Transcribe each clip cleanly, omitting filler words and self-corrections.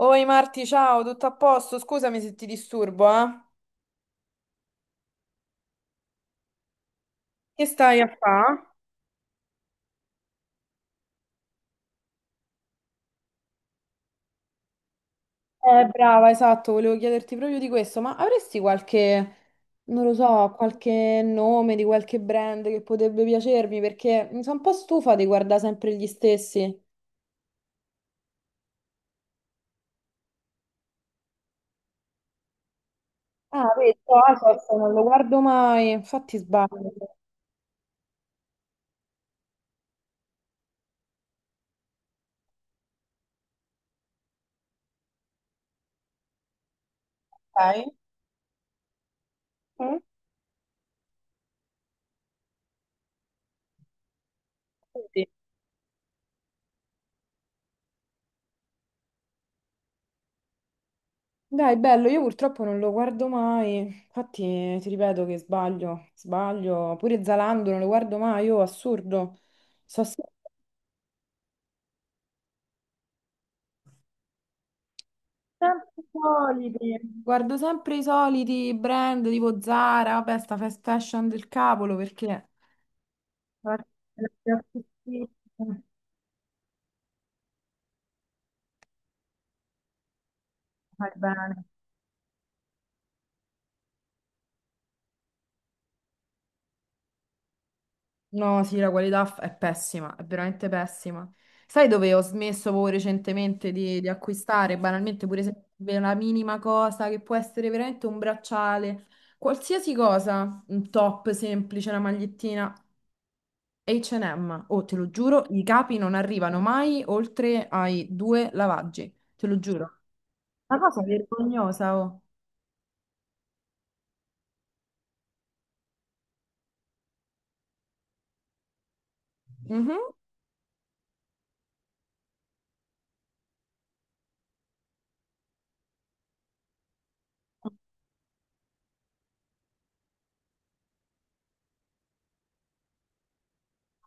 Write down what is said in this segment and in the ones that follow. Oi Marti, ciao, tutto a posto? Scusami se ti disturbo, eh? Che stai a fa? Brava, esatto, volevo chiederti proprio di questo, ma avresti qualche, non lo so, qualche nome di qualche brand che potrebbe piacermi? Perché mi sono un po' stufa di guardare sempre gli stessi. Ah, questo Asos non lo guardo mai, infatti sbaglio. Ok. Mm? Sì. Dai, bello, io purtroppo non lo guardo mai, infatti ti ripeto che sbaglio, sbaglio, pure Zalando non lo guardo mai, io assurdo, so se- sempre i soliti, guardo sempre i soliti brand tipo Zara, vabbè, sta fast fashion del cavolo perché. Guarda, la- la- vai bene. No, sì, la qualità è pessima, è veramente pessima. Sai dove ho smesso proprio recentemente di acquistare? Banalmente, pure se la minima cosa che può essere veramente un bracciale, qualsiasi cosa, un top semplice, una magliettina, H&M. Oh, te lo giuro, i capi non arrivano mai oltre ai due lavaggi, te lo giuro. Una cosa vergognosa, oh. Mhm.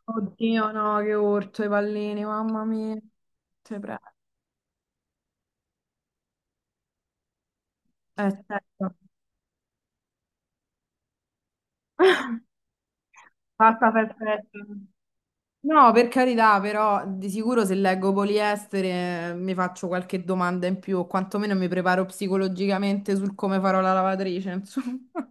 Oddio, no, che urto i pallini, mamma mia. Te prego. Certo. Fatta perfetta. No, per carità, però di sicuro se leggo poliestere mi faccio qualche domanda in più, o quantomeno mi preparo psicologicamente sul come farò la lavatrice, insomma.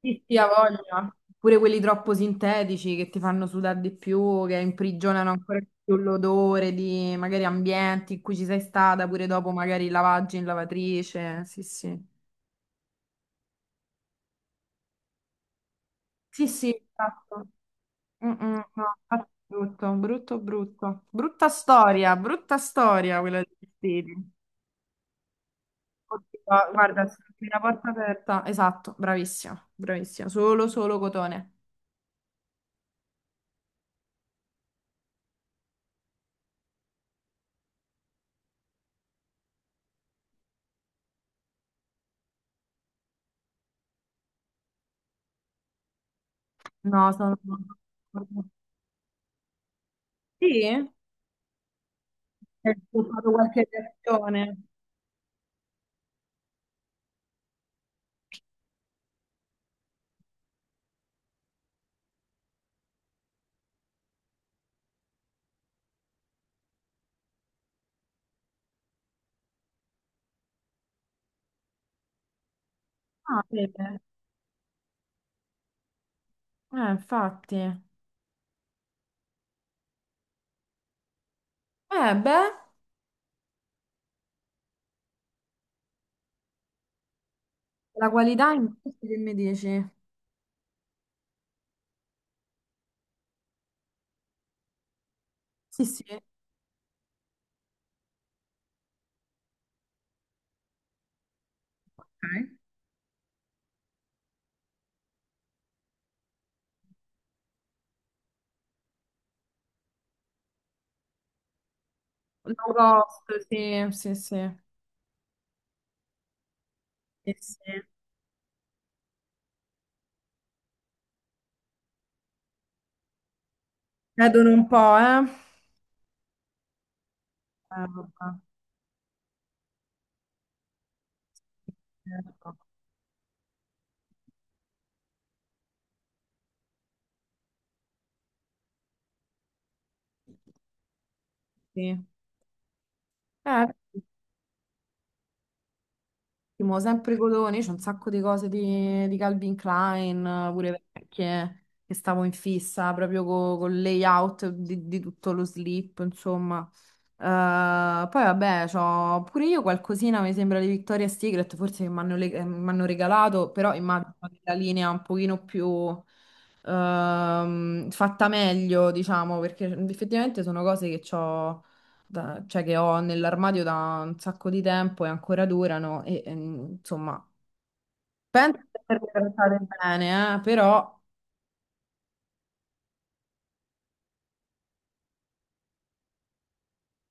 Sì, Chi ha sì. voglia. Pure quelli troppo sintetici che ti fanno sudare di più, che imprigionano ancora di più l'odore di magari ambienti in cui ci sei stata, pure dopo magari lavaggi in lavatrice. Sì, sì. Sì, sì, esatto. Mm, mm, no, infatti è brutto, brutto, brutto. Brutta storia quella dei vestiti. Oddio, guarda, sì, la porta aperta. Esatto, bravissima, bravissima. Solo, solo cotone. No, sono. Sì? Hai fatto qualche reazione? Ah, vede. Infatti. Beh, la qualità in questo che mi dici? Sì, sì. Ok. Low cost, sì, sì, sì. Sì, sì. Vedono un po', eh. Vabbè. Certo, sì. Eh, ottimo, sempre Codoni, c'è un sacco di cose di Calvin Klein, pure vecchie, che stavo in fissa proprio col layout di tutto lo slip, insomma. Eh, poi vabbè, c'ho pure io qualcosina, mi sembra di Victoria's Secret, forse che m'hanno regalato, però immagino che la linea un pochino più fatta meglio, diciamo, perché effettivamente sono cose che ho cioè che ho nell'armadio da un sacco di tempo e ancora durano e insomma, penso di averle tratate bene, però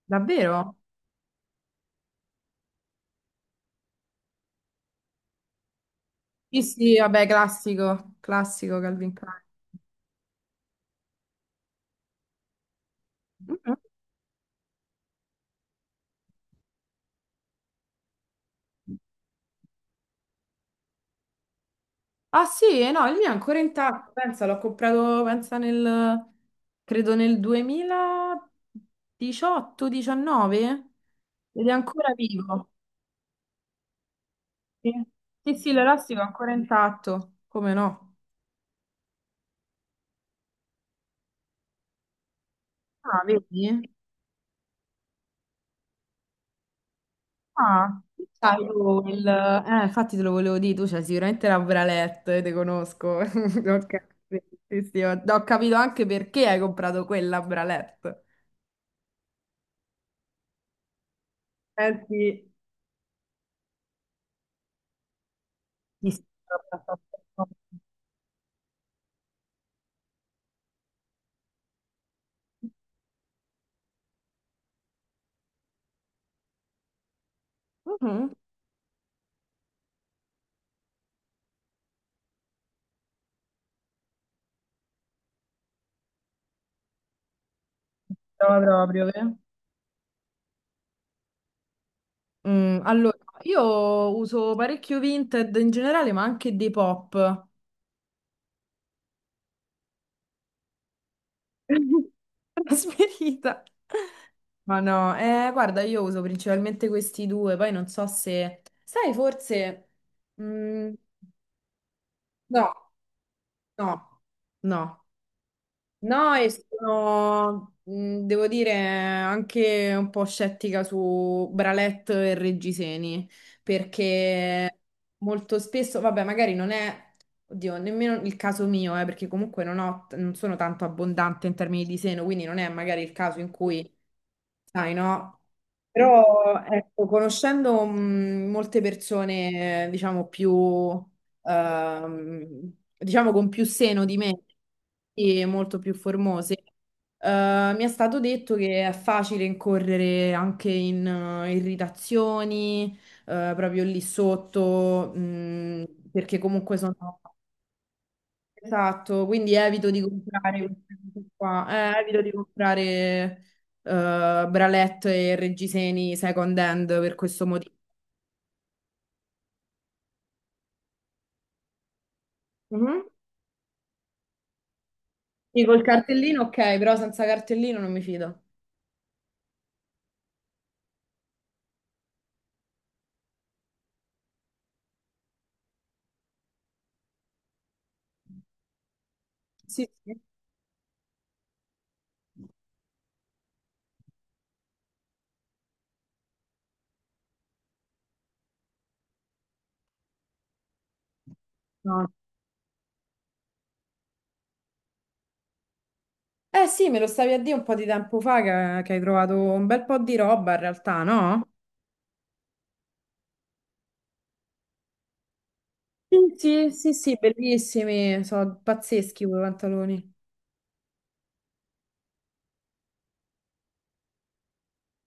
davvero? Sì, sì, vabbè, classico, classico Calvin Klein. Mhm. Ah sì, no, il mio è ancora intatto, pensa, l'ho comprato, pensa nel, credo nel 2018-19 ed è ancora vivo. Sì, sì, sì, l'elastico è ancora intatto, come no? Ah, vedi? Ah, sai, sai. Io infatti te lo volevo dire, tu c'hai sicuramente la bralette, te conosco. Ok, sì, sì, ho capito anche perché hai comprato quella bralette. Eh sì. Sì, sì. Mhm. Trova proprio, eh. Mm, allora, io uso parecchio Vinted in generale, ma anche Depop. Trasferita. Ma no, guarda, io uso principalmente questi due, poi non so se. Sai, forse. Mm, no, no, no. No, e sono, devo dire, anche un po' scettica su Bralet e Reggiseni, perché molto spesso, vabbè, magari non è, oddio, nemmeno il caso mio, perché comunque non ho, non sono tanto abbondante in termini di seno, quindi non è magari il caso in cui, sai, no? Però, ecco, conoscendo, molte persone, diciamo, più ehm, diciamo con più seno di me e molto più formose. Mi è stato detto che è facile incorrere anche in irritazioni, proprio lì sotto, perché comunque sono. Esatto, quindi evito di comprare queste cose qua, evito di comprare bralette e reggiseni second hand per questo motivo. Mhm. Sì, col cartellino ok, però senza cartellino non mi fido. Sì, sì. No. Eh sì, me lo stavi a dire un po' di tempo fa che hai trovato un bel po' di roba in realtà, no? Sì, sì, sì, sì, bellissimi, sono pazzeschi quei pantaloni.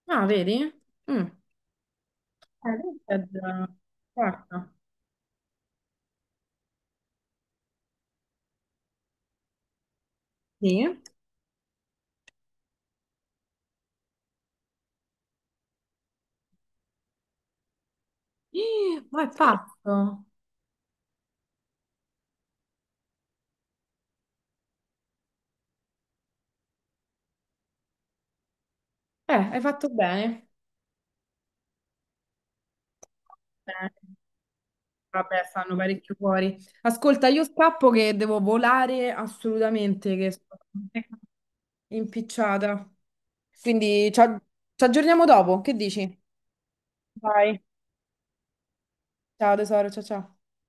Ah, vedi? Mm. Vintage. Guarda. Sì. Ih, ma è fatto. Hai fatto bene. Bene. Vabbè, stanno parecchio fuori. Ascolta, io scappo che devo volare assolutamente, che sono impicciata. Quindi ci aggiorniamo dopo, che dici? Vai. Ciao tesoro, ciao ciao.